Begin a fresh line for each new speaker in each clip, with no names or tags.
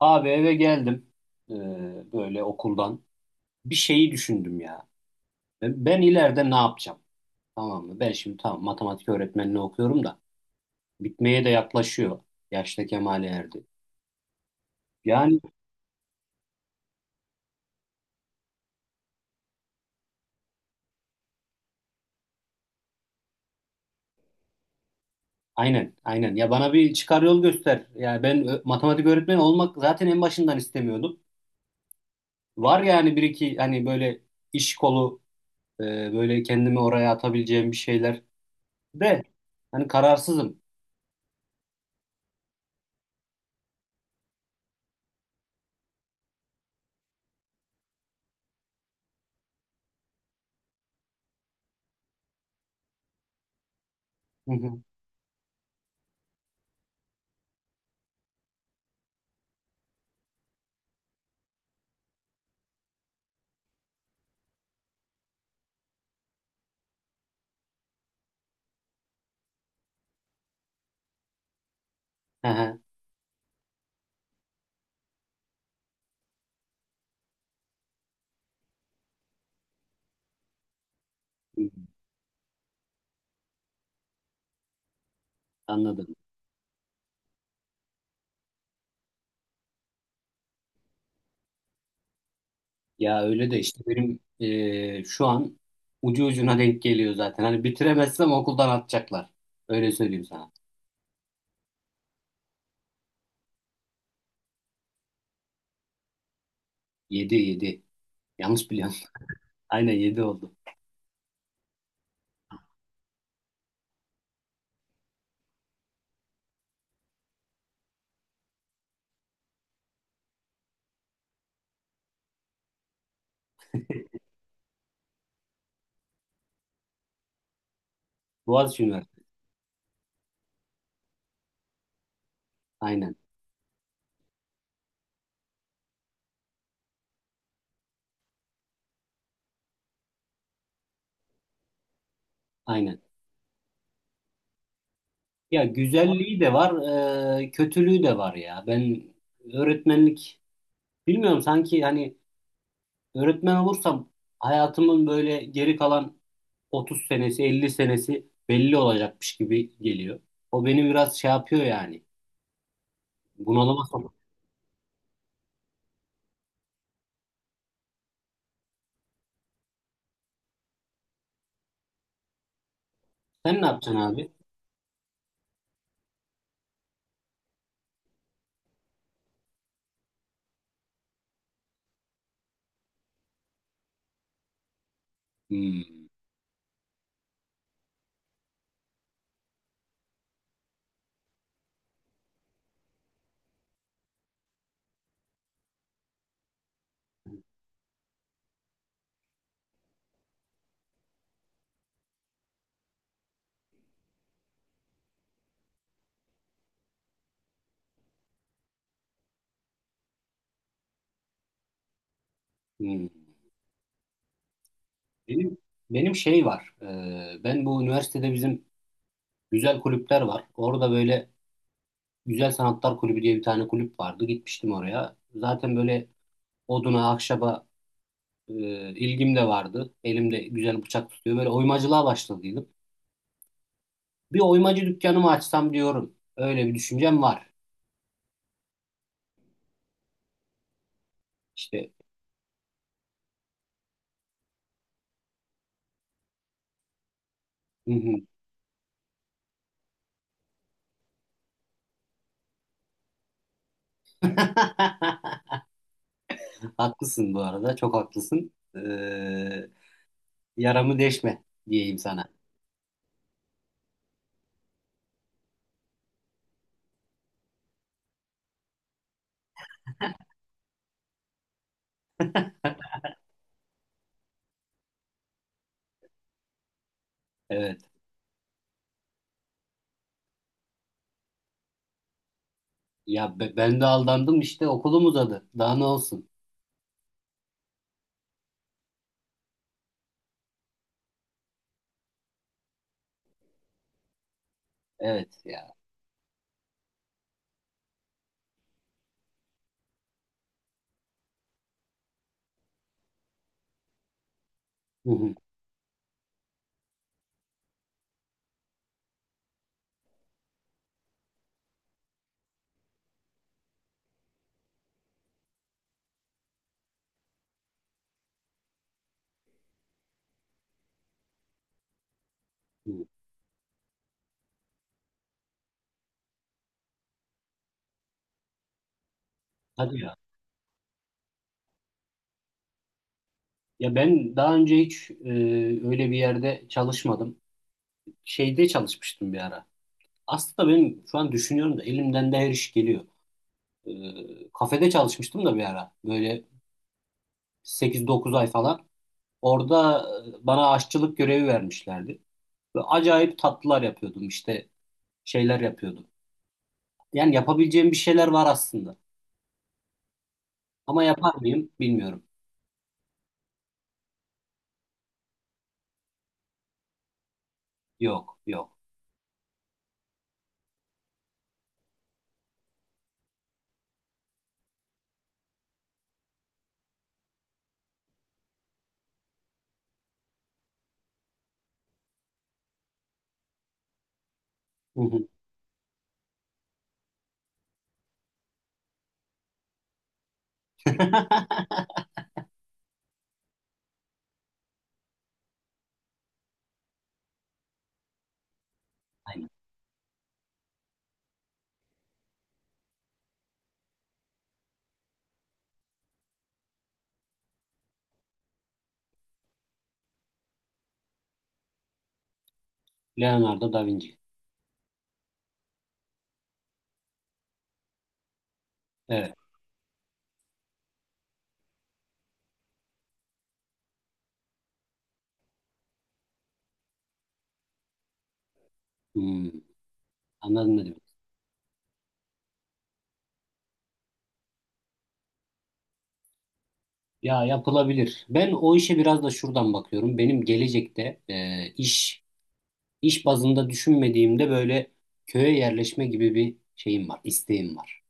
Abi eve geldim, e, böyle okuldan. Bir şeyi düşündüm ya. Ben ileride ne yapacağım? Tamam mı? Ben şimdi tamam matematik öğretmenliği okuyorum da bitmeye de yaklaşıyor. Yaşta kemale erdi. Yani aynen aynen. Ya bana bir çıkar yol göster. Yani matematik öğretmeni olmak zaten en başından istemiyordum. Var yani bir iki hani böyle iş kolu, e, böyle kendimi oraya atabileceğim bir şeyler de hani kararsızım. Hı hı. Hı hı. Anladım. Ya öyle de işte benim şu an ucu ucuna denk geliyor zaten. Hani bitiremezsem okuldan atacaklar. Öyle söyleyeyim sana. Yedi. Yanlış biliyorum. Aynen yedi oldu. Boğaziçi Üniversitesi. Aynen. Aynen. Ya güzelliği de var, kötülüğü de var ya. Ben öğretmenlik bilmiyorum, sanki hani öğretmen olursam hayatımın böyle geri kalan 30 senesi, 50 senesi belli olacakmış gibi geliyor. O beni biraz şey yapıyor yani. Bunalıma sokuyor. Sen ne yapacaksın abi? Hmm, hmm. Benim, benim şey var. Ben bu üniversitede bizim güzel kulüpler var. Orada böyle Güzel Sanatlar Kulübü diye bir tane kulüp vardı. Gitmiştim oraya. Zaten böyle oduna, ahşaba e, ilgim de vardı. Elimde güzel bıçak tutuyor. Böyle oymacılığa başladıydım. Bir oymacı dükkanımı açsam diyorum. Öyle bir düşüncem var. İşte. Hı hı. Haklısın bu arada. Çok haklısın. Yaramı deşme diyeyim sana. Evet. Ya ben de aldandım, işte okulum uzadı. Daha ne olsun? Evet ya. Hı hı, hı. Hadi ya. Ya ben daha önce hiç öyle bir yerde çalışmadım. Şeyde çalışmıştım bir ara. Aslında benim şu an düşünüyorum da elimden de her iş geliyor. Kafede çalışmıştım da bir ara. Böyle sekiz dokuz ay falan. Orada bana aşçılık görevi vermişlerdi. Ve acayip tatlılar yapıyordum, işte şeyler yapıyordum. Yani yapabileceğim bir şeyler var aslında. Ama yapar mıyım bilmiyorum. Yok. Hı hı. Aynen. Leonardo da Vinci. Evet. Hmm, anladım ne demek. Ya yapılabilir. Ben o işe biraz da şuradan bakıyorum. Benim gelecekte iş bazında düşünmediğimde böyle köye yerleşme gibi bir şeyim var, isteğim var.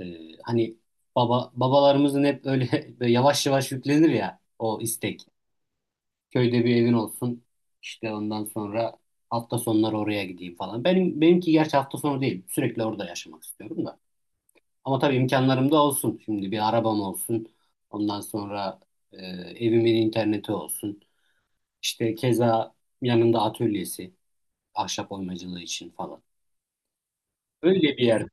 E, Hani babalarımızın hep öyle, böyle yavaş yavaş yüklenir ya o istek. Köyde bir evin olsun. İşte ondan sonra hafta sonları oraya gideyim falan. Benimki gerçi hafta sonu değil. Sürekli orada yaşamak istiyorum da. Ama tabii imkanlarım da olsun. Şimdi bir arabam olsun. Ondan sonra e, evimin interneti olsun. İşte keza yanında atölyesi, ahşap oymacılığı için falan. Öyle bir yerden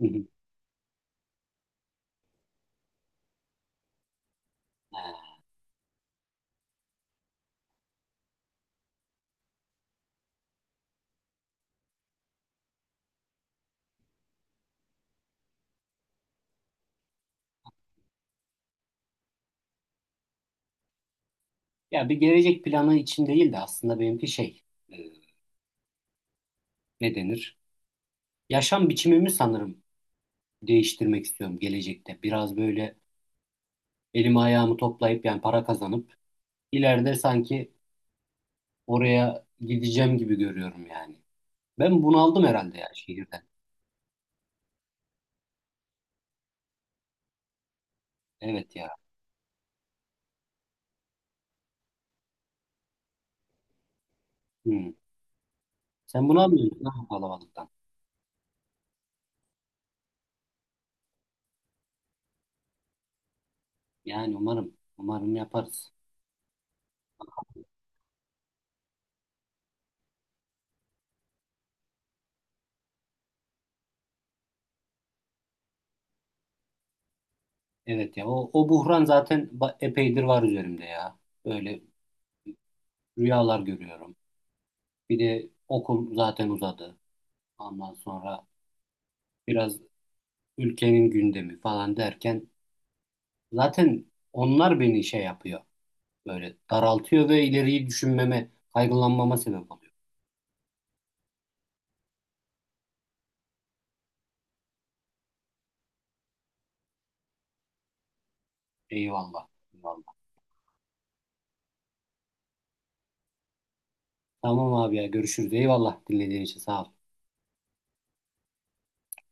yani. Hı hı. Ya bir gelecek planı için değil de aslında benimki şey, e, ne denir? Yaşam biçimimi sanırım değiştirmek istiyorum gelecekte. Biraz böyle elimi ayağımı toplayıp yani para kazanıp ileride sanki oraya gideceğim gibi görüyorum yani. Ben bunaldım herhalde ya şehirden. Evet ya. Hmm. Sen bunu almıyorsun ha kalabalıktan. Yani umarım yaparız. Evet ya o buhran zaten epeydir var üzerimde ya. Böyle rüyalar görüyorum. Bir de okul zaten uzadı. Ondan sonra biraz ülkenin gündemi falan derken zaten onlar beni şey yapıyor. Böyle daraltıyor ve ileriyi düşünmeme, kaygılanmama sebep oluyor. Eyvallah. Eyvallah. Tamam abi ya, görüşürüz. Eyvallah, dinlediğin için sağ ol.